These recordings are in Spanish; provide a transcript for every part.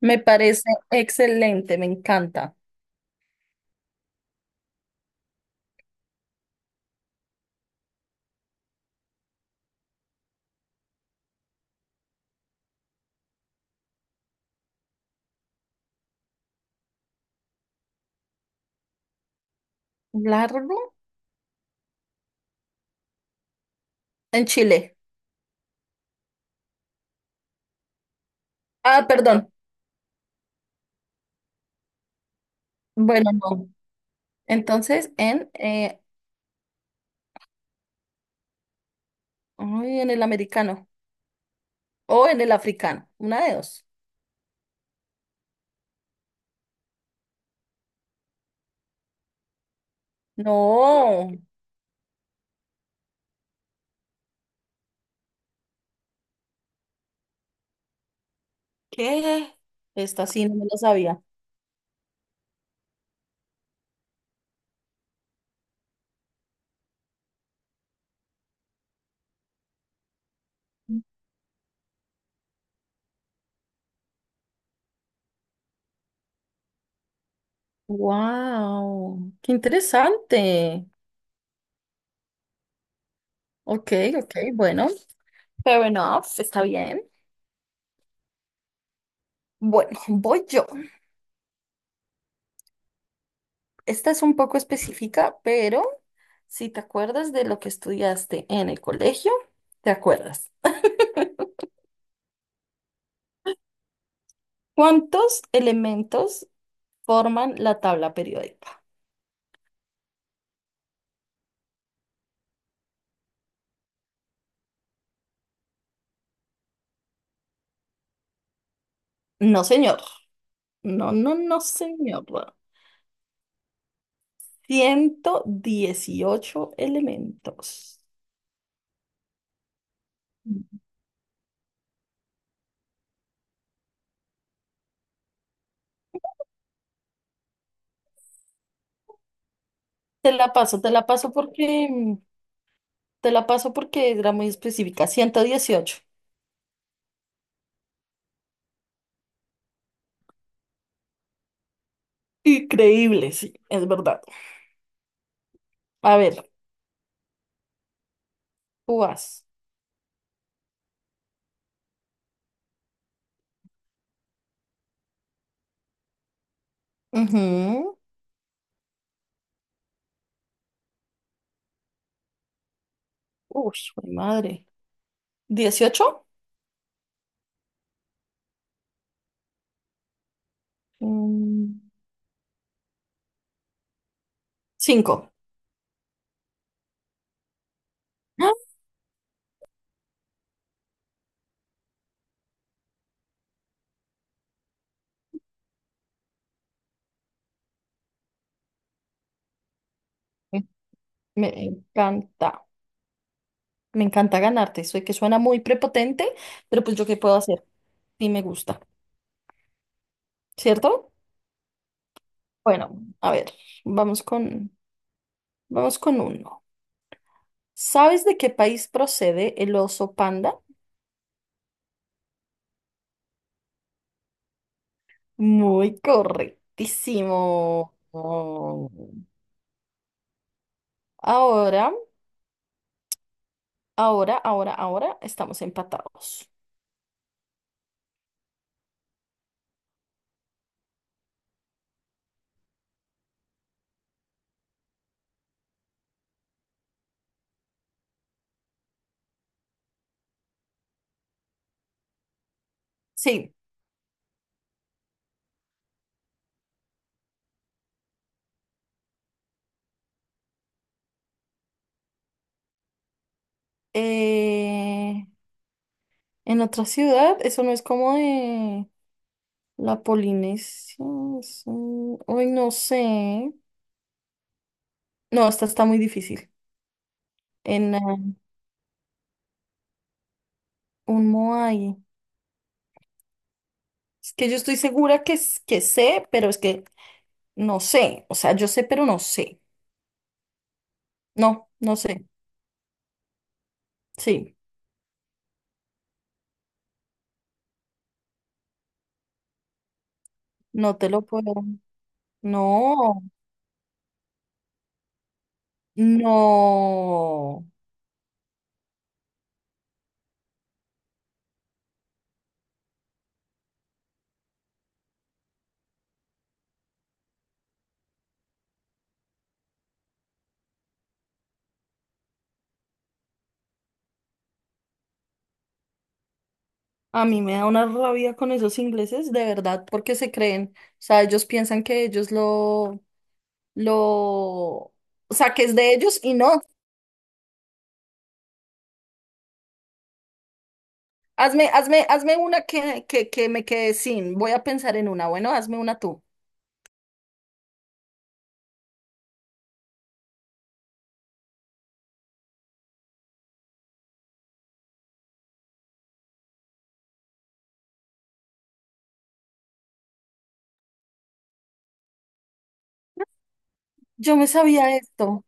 Me parece excelente, me encanta. Largo en Chile. Ah, perdón. Bueno, no. Entonces, ay, en el americano o en el africano. Una de dos. No. ¿Qué? Esta sí no me lo sabía. Wow, qué interesante. Ok, ok, bueno. Fair enough, está bien. Bueno, voy yo. Esta es un poco específica, pero si te acuerdas de lo que estudiaste en el colegio, te acuerdas. ¿Cuántos elementos forman la tabla periódica? No, señor. No, no, no, señor. 118 elementos. Te la paso porque te la paso porque era muy específica. 118. Increíble, sí, es verdad. A ver, tú vas. Ujú. Uy, jue madre. 18. Cinco. ¡Ah! Me encanta. Me encanta ganarte. Soy que suena muy prepotente, pero pues yo qué puedo hacer. Sí me gusta, ¿cierto? Bueno, a ver, vamos con, vamos con uno. ¿Sabes de qué país procede el oso panda? Muy correctísimo. Oh. Ahora, ahora, ahora, ahora estamos empatados. Sí. eh, En otra ciudad, eso no es como de la Polinesia. Es Uy, no sé. No, esta está muy difícil. En un Moai. Es que yo estoy segura que sé, pero es que no sé. O sea, yo sé, pero no sé. No, no sé. Sí, no te lo puedo. No, no. A mí me da una rabia con esos ingleses, de verdad, porque se creen. O sea, ellos piensan que ellos lo saques de ellos y no. Hazme, hazme, hazme una que me quede sin. Voy a pensar en una. Bueno, hazme una tú. Yo me sabía esto.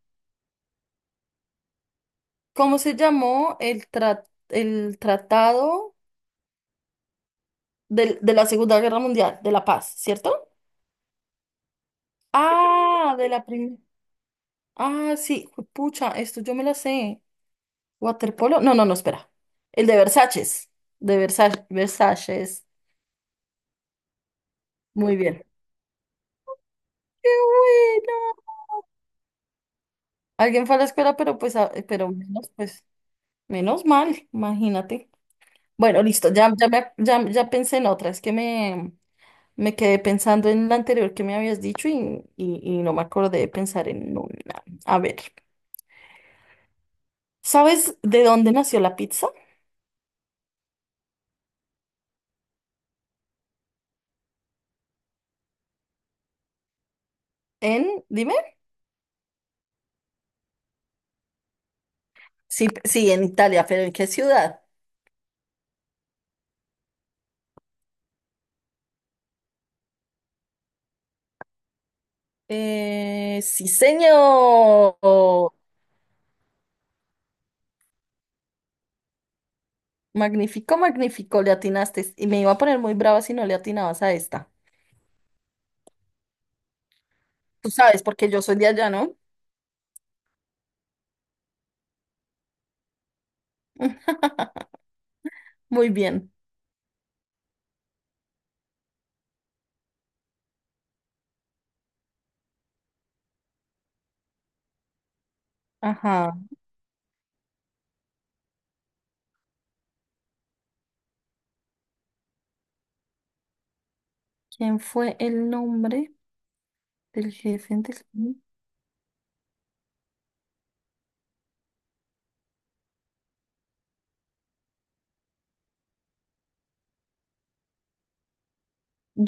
¿Cómo se llamó el tratado de la Segunda Guerra Mundial, de la paz, ¿cierto? Ah, de la primera. Ah, sí, pucha, esto yo me la sé. Waterpolo. No, no, no, espera. El de Versalles. De Versalles. Versalles. Muy bien. ¡Qué bueno! Alguien fue a la escuela, pero pues, pero menos, pues, menos mal, imagínate. Bueno, listo, ya, ya, ya, ya pensé en otra, es que me quedé pensando en la anterior que me habías dicho y no me acordé de pensar en una. A ver, ¿sabes de dónde nació la pizza? Dime. Sí, sí, en Italia, pero ¿en qué ciudad? Sí, señor. Magnífico, magnífico, le atinaste. Y me iba a poner muy brava si no le atinabas a esta. Tú sabes, porque yo soy de allá, ¿no? Muy bien. Ajá. ¿Quién fue el nombre del jefe antes?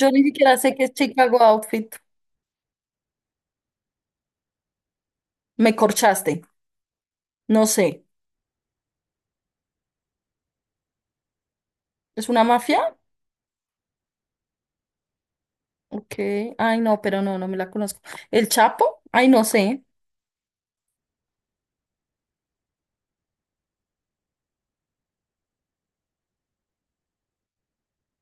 Yo ni siquiera sé qué es Chicago Outfit. Me corchaste. No sé. ¿Es una mafia? Ok. Ay, no, pero no, no me la conozco. ¿El Chapo? Ay, no sé.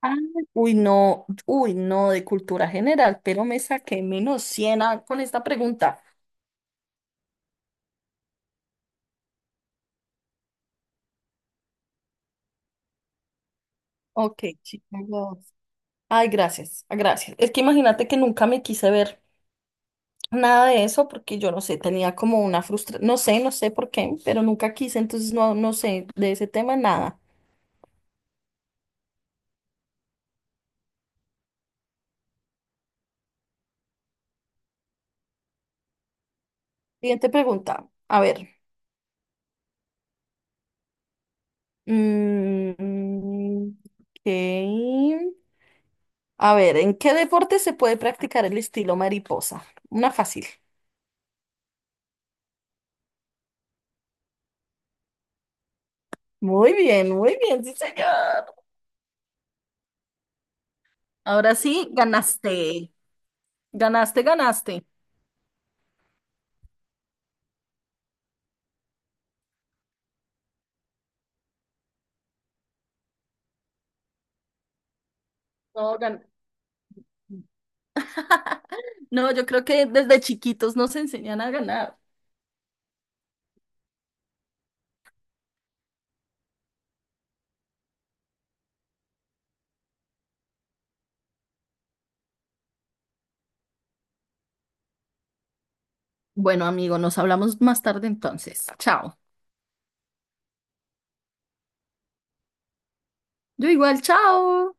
Ah, uy, no. Uy, no, de cultura general, pero me saqué menos 100 con esta pregunta. Ok, Chicago Outfit. Ay, gracias, gracias. Es que imagínate que nunca me quise ver. Nada de eso porque yo no sé, tenía como una frustración, no sé, no sé por qué, pero nunca quise, entonces no, no sé de ese tema nada. Siguiente pregunta, a ver. Ok. A ver, ¿en qué deporte se puede practicar el estilo mariposa? Una fácil. Muy bien, sí, señor. Ahora sí, ganaste. Ganaste, ganaste. No, no, yo creo que desde chiquitos nos enseñan a ganar. Bueno, amigo, nos hablamos más tarde entonces. Chao. Yo igual, chao.